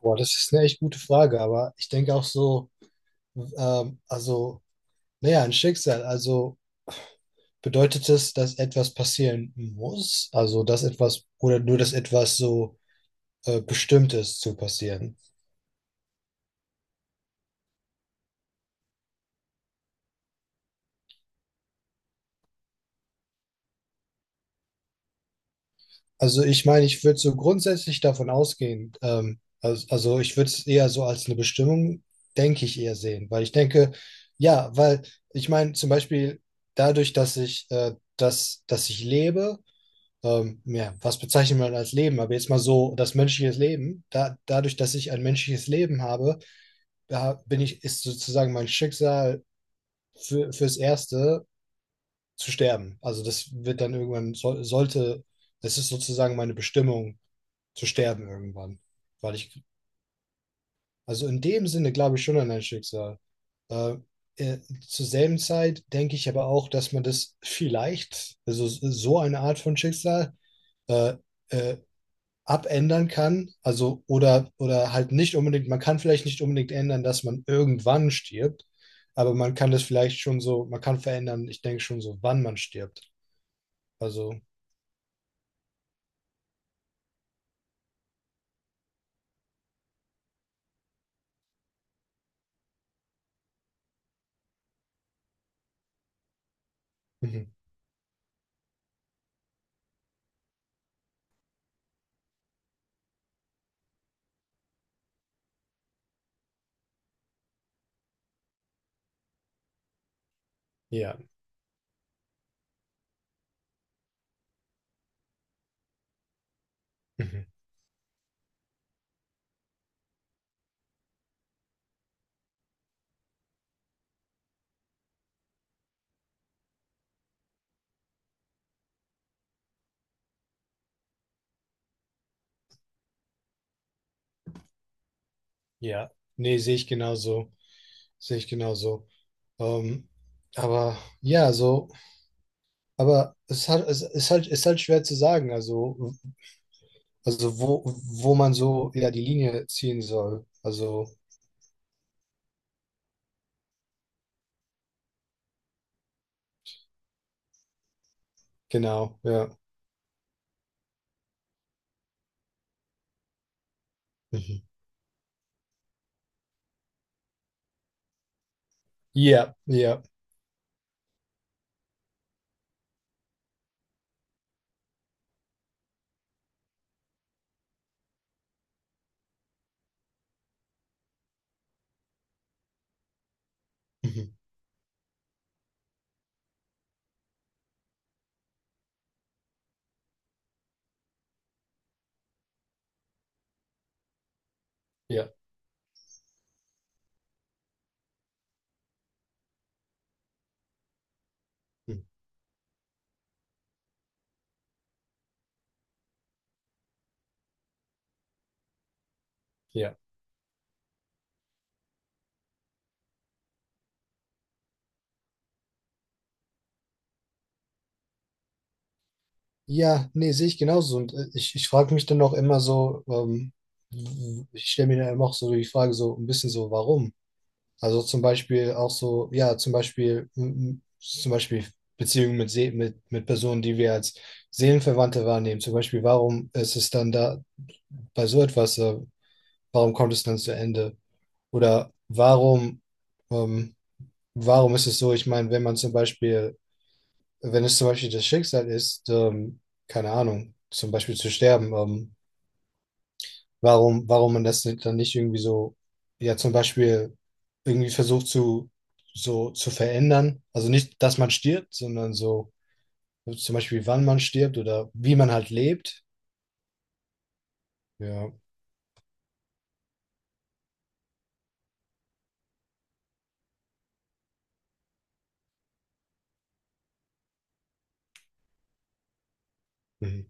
Boah, das ist eine echt gute Frage, aber ich denke auch so, also, naja, ein Schicksal, also bedeutet es, dass etwas passieren muss? Also, dass etwas, oder nur, dass etwas so bestimmt ist zu passieren? Also, ich meine, ich würde so grundsätzlich davon ausgehen, also, ich würde es eher so als eine Bestimmung, denke ich, eher sehen, weil ich denke, ja, weil ich meine, zum Beispiel dadurch, dass ich lebe, ja, was bezeichnet man als Leben? Aber jetzt mal so, das menschliche Leben, dadurch, dass ich ein menschliches Leben habe, da bin ich, ist sozusagen mein Schicksal fürs Erste zu sterben. Also das wird dann irgendwann, sollte, das ist sozusagen meine Bestimmung, zu sterben irgendwann. Weil ich, also in dem Sinne glaube ich schon an ein Schicksal. Äh, äh, Zur selben Zeit denke ich aber auch, dass man das vielleicht, also so eine Art von Schicksal, äh, äh, abändern kann, also oder halt nicht unbedingt, man kann vielleicht nicht unbedingt ändern, dass man irgendwann stirbt, aber man kann das vielleicht schon so, man kann verändern, ich denke schon so, wann man stirbt. Also, mhm, ja, mhm, ja, nee, sehe ich genauso, sehe ich genauso. Ähm, aber ja, so, aber es hat, es ist halt schwer zu sagen, also wo, wo man so, ja, die Linie ziehen soll. Also, genau, ja. Mhm. Ja, ja. Mhm. Ja, hm, ja. Ja, nee, sehe ich genauso. Und ich frage mich dann auch immer so, ich stelle mir dann immer auch so die Frage, so ein bisschen so, warum? Also zum Beispiel auch so, ja, zum Beispiel, zum Beispiel Beziehungen mit, mit Personen, die wir als Seelenverwandte wahrnehmen. Zum Beispiel, warum ist es dann da bei so etwas, warum kommt es dann zu Ende? Oder warum, ähm, warum ist es so? Ich meine, wenn es zum Beispiel das Schicksal ist, keine Ahnung, zum Beispiel zu sterben, warum man das nicht- dann nicht irgendwie so, ja, zum Beispiel irgendwie versucht zu, so zu verändern. Also nicht, dass man stirbt, sondern so zum Beispiel, wann man stirbt oder wie man halt lebt. Ja, mhm.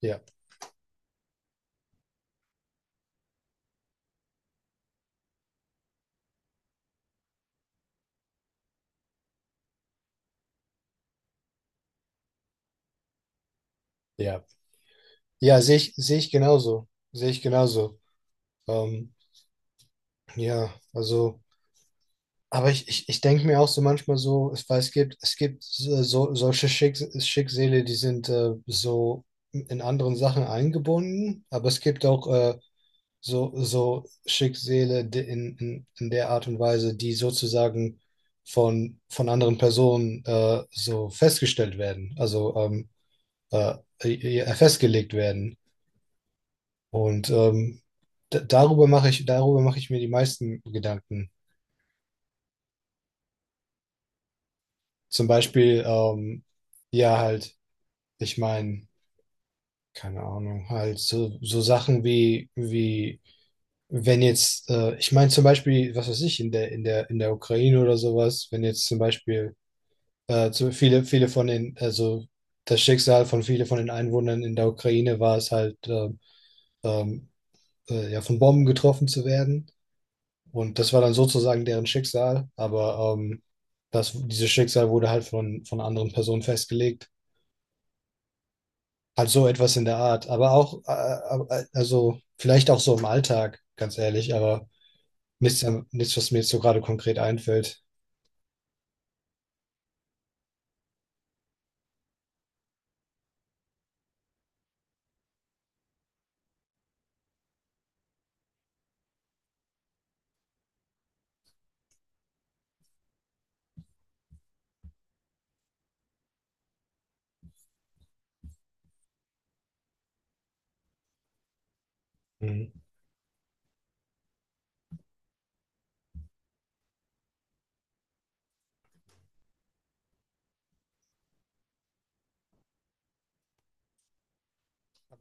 Ja, ja. Ja, sehe ich genauso. Sehe ich genauso. Ähm, ja, also. Aber ich denke mir auch so manchmal so, es, weil es gibt so, solche Schicksale, die sind so in anderen Sachen eingebunden, aber es gibt auch so, so Schicksale die in der Art und Weise, die sozusagen von anderen Personen so festgestellt werden, also äh, festgelegt werden. Und darüber mache ich mir die meisten Gedanken. Zum Beispiel, ja, halt. Ich meine, keine Ahnung, halt so, wie, wenn jetzt, ich meine zum Beispiel, was weiß ich, in der Ukraine oder sowas, wenn jetzt zum Beispiel viele von den, also das Schicksal von viele von den Einwohnern in der Ukraine war es halt, ähm, ja, von Bomben getroffen zu werden. Und das war dann sozusagen deren Schicksal, aber das, dieses Schicksal wurde halt von anderen Personen festgelegt. Halt so etwas in der Art. Aber auch, also vielleicht auch so im Alltag, ganz ehrlich, aber nichts, nichts, was mir jetzt so gerade konkret einfällt. Mhm.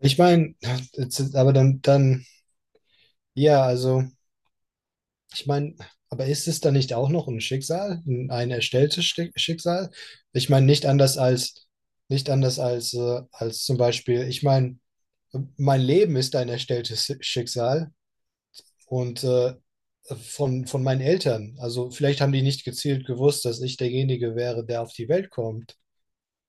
Ich meine, aber dann, ja, also, ich meine, aber ist es dann nicht auch noch ein Schicksal, ein erstelltes Schicksal? Ich meine, nicht anders als, als zum Beispiel, ich meine, mein Leben ist ein erstelltes Schicksal und von meinen Eltern. Also vielleicht haben die nicht gezielt gewusst, dass ich derjenige wäre, der auf die Welt kommt.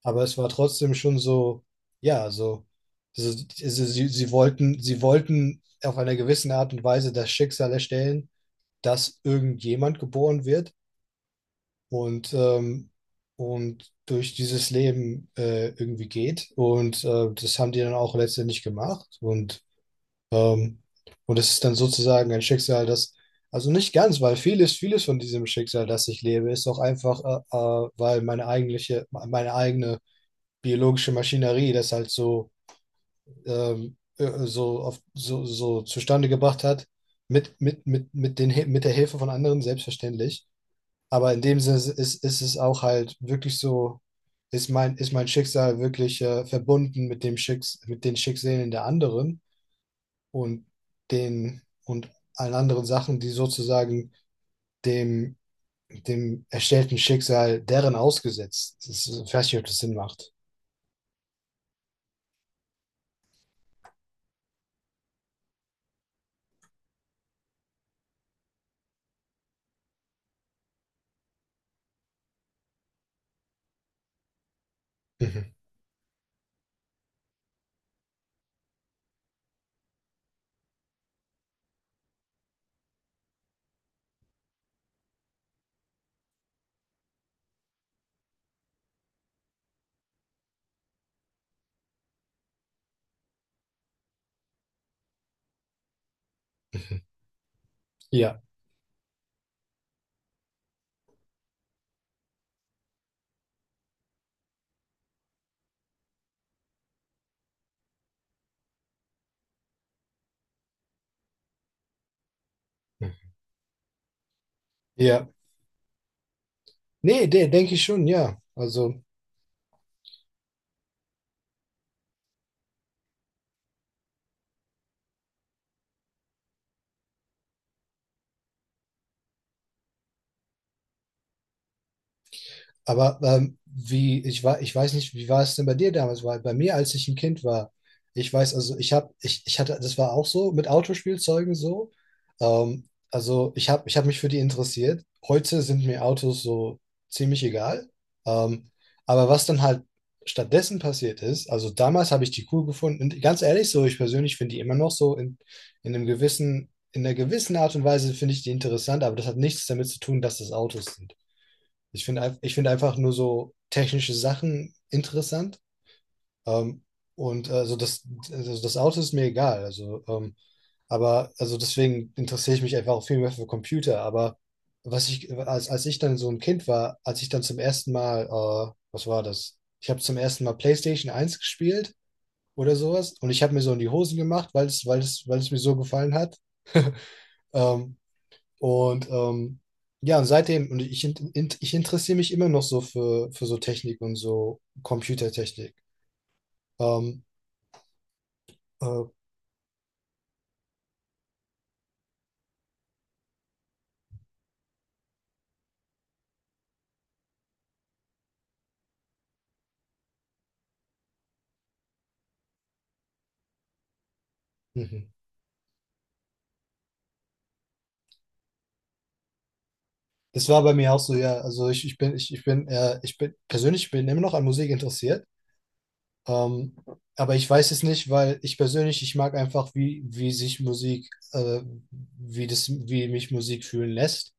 Aber es war trotzdem schon so, ja, so, sie wollten auf einer gewissen Art und Weise das Schicksal erstellen, dass irgendjemand geboren wird und, ähm, und durch dieses Leben irgendwie geht. Und das haben die dann auch letztendlich gemacht. Ähm, und das ist dann sozusagen ein Schicksal, das, also nicht ganz, weil vieles von diesem Schicksal, das ich lebe, ist auch einfach, weil meine eigentliche, meine eigene biologische Maschinerie das halt so, so zustande gebracht hat, mit der Hilfe von anderen, selbstverständlich. Aber in dem Sinne ist es auch halt wirklich so, ist mein Schicksal wirklich verbunden mit den Schicksalen der anderen und den und allen anderen Sachen, die sozusagen dem, dem erstellten Schicksal deren ausgesetzt. Das ist, ich weiß nicht, ob das Sinn macht. Mhm. Ja. Ja. Nee, der denke ich schon, ja. Also aber wie, ich war, ich weiß nicht, wie war es denn bei dir damals? Weil bei mir, als ich ein Kind war, ich weiß, ich hatte, das war auch so mit Autospielzeugen so. Ich habe mich für die interessiert. Heute sind mir Autos so ziemlich egal. Ähm, aber was dann halt stattdessen passiert ist, also damals habe ich die cool gefunden. Und ganz ehrlich, so ich persönlich finde die immer noch so in einem gewissen, in einer gewissen Art und Weise finde ich die interessant, aber das hat nichts damit zu tun, dass das Autos sind. Ich finde einfach nur so technische Sachen interessant. Ähm, und also das Auto ist mir egal. Also, aber also deswegen interessiere ich mich einfach auch viel mehr für Computer. Aber was ich, als ich dann so ein Kind war, als ich dann zum ersten Mal, was war das? Ich habe zum ersten Mal PlayStation 1 gespielt oder sowas. Und ich habe mir so in die Hosen gemacht, weil es mir so gefallen hat. Ähm, und ähm, ja, seitdem, und ich, ich interessiere mich immer noch so für so Technik und so Computertechnik. Ähm, äh, mhm. Das war bei mir auch so, ja, ich bin persönlich bin immer noch an Musik interessiert. Ähm, aber ich weiß es nicht, weil ich persönlich, ich mag einfach, wie sich Musik, äh, wie mich Musik fühlen lässt.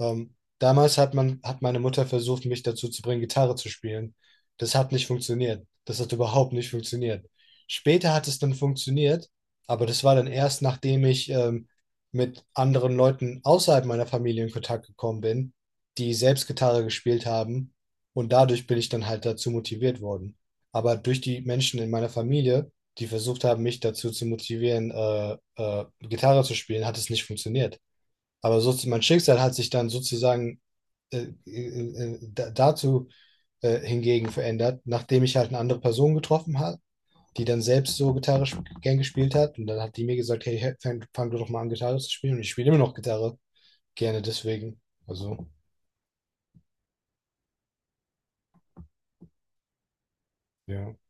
Damals hat man, hat meine Mutter versucht, mich dazu zu bringen, Gitarre zu spielen. Das hat nicht funktioniert. Das hat überhaupt nicht funktioniert. Später hat es dann funktioniert, aber das war dann erst, nachdem ich mit anderen Leuten außerhalb meiner Familie in Kontakt gekommen bin, die selbst Gitarre gespielt haben. Und dadurch bin ich dann halt dazu motiviert worden. Aber durch die Menschen in meiner Familie, die versucht haben, mich dazu zu motivieren, Gitarre zu spielen, hat es nicht funktioniert. Aber so mein Schicksal hat sich dann sozusagen dazu hingegen verändert, nachdem ich halt eine andere Person getroffen habe, die dann selbst so gern gespielt hat. Und dann hat die mir gesagt, hey, fang du doch mal an, Gitarre zu spielen. Und ich spiele immer noch Gitarre gerne deswegen. Also, ja.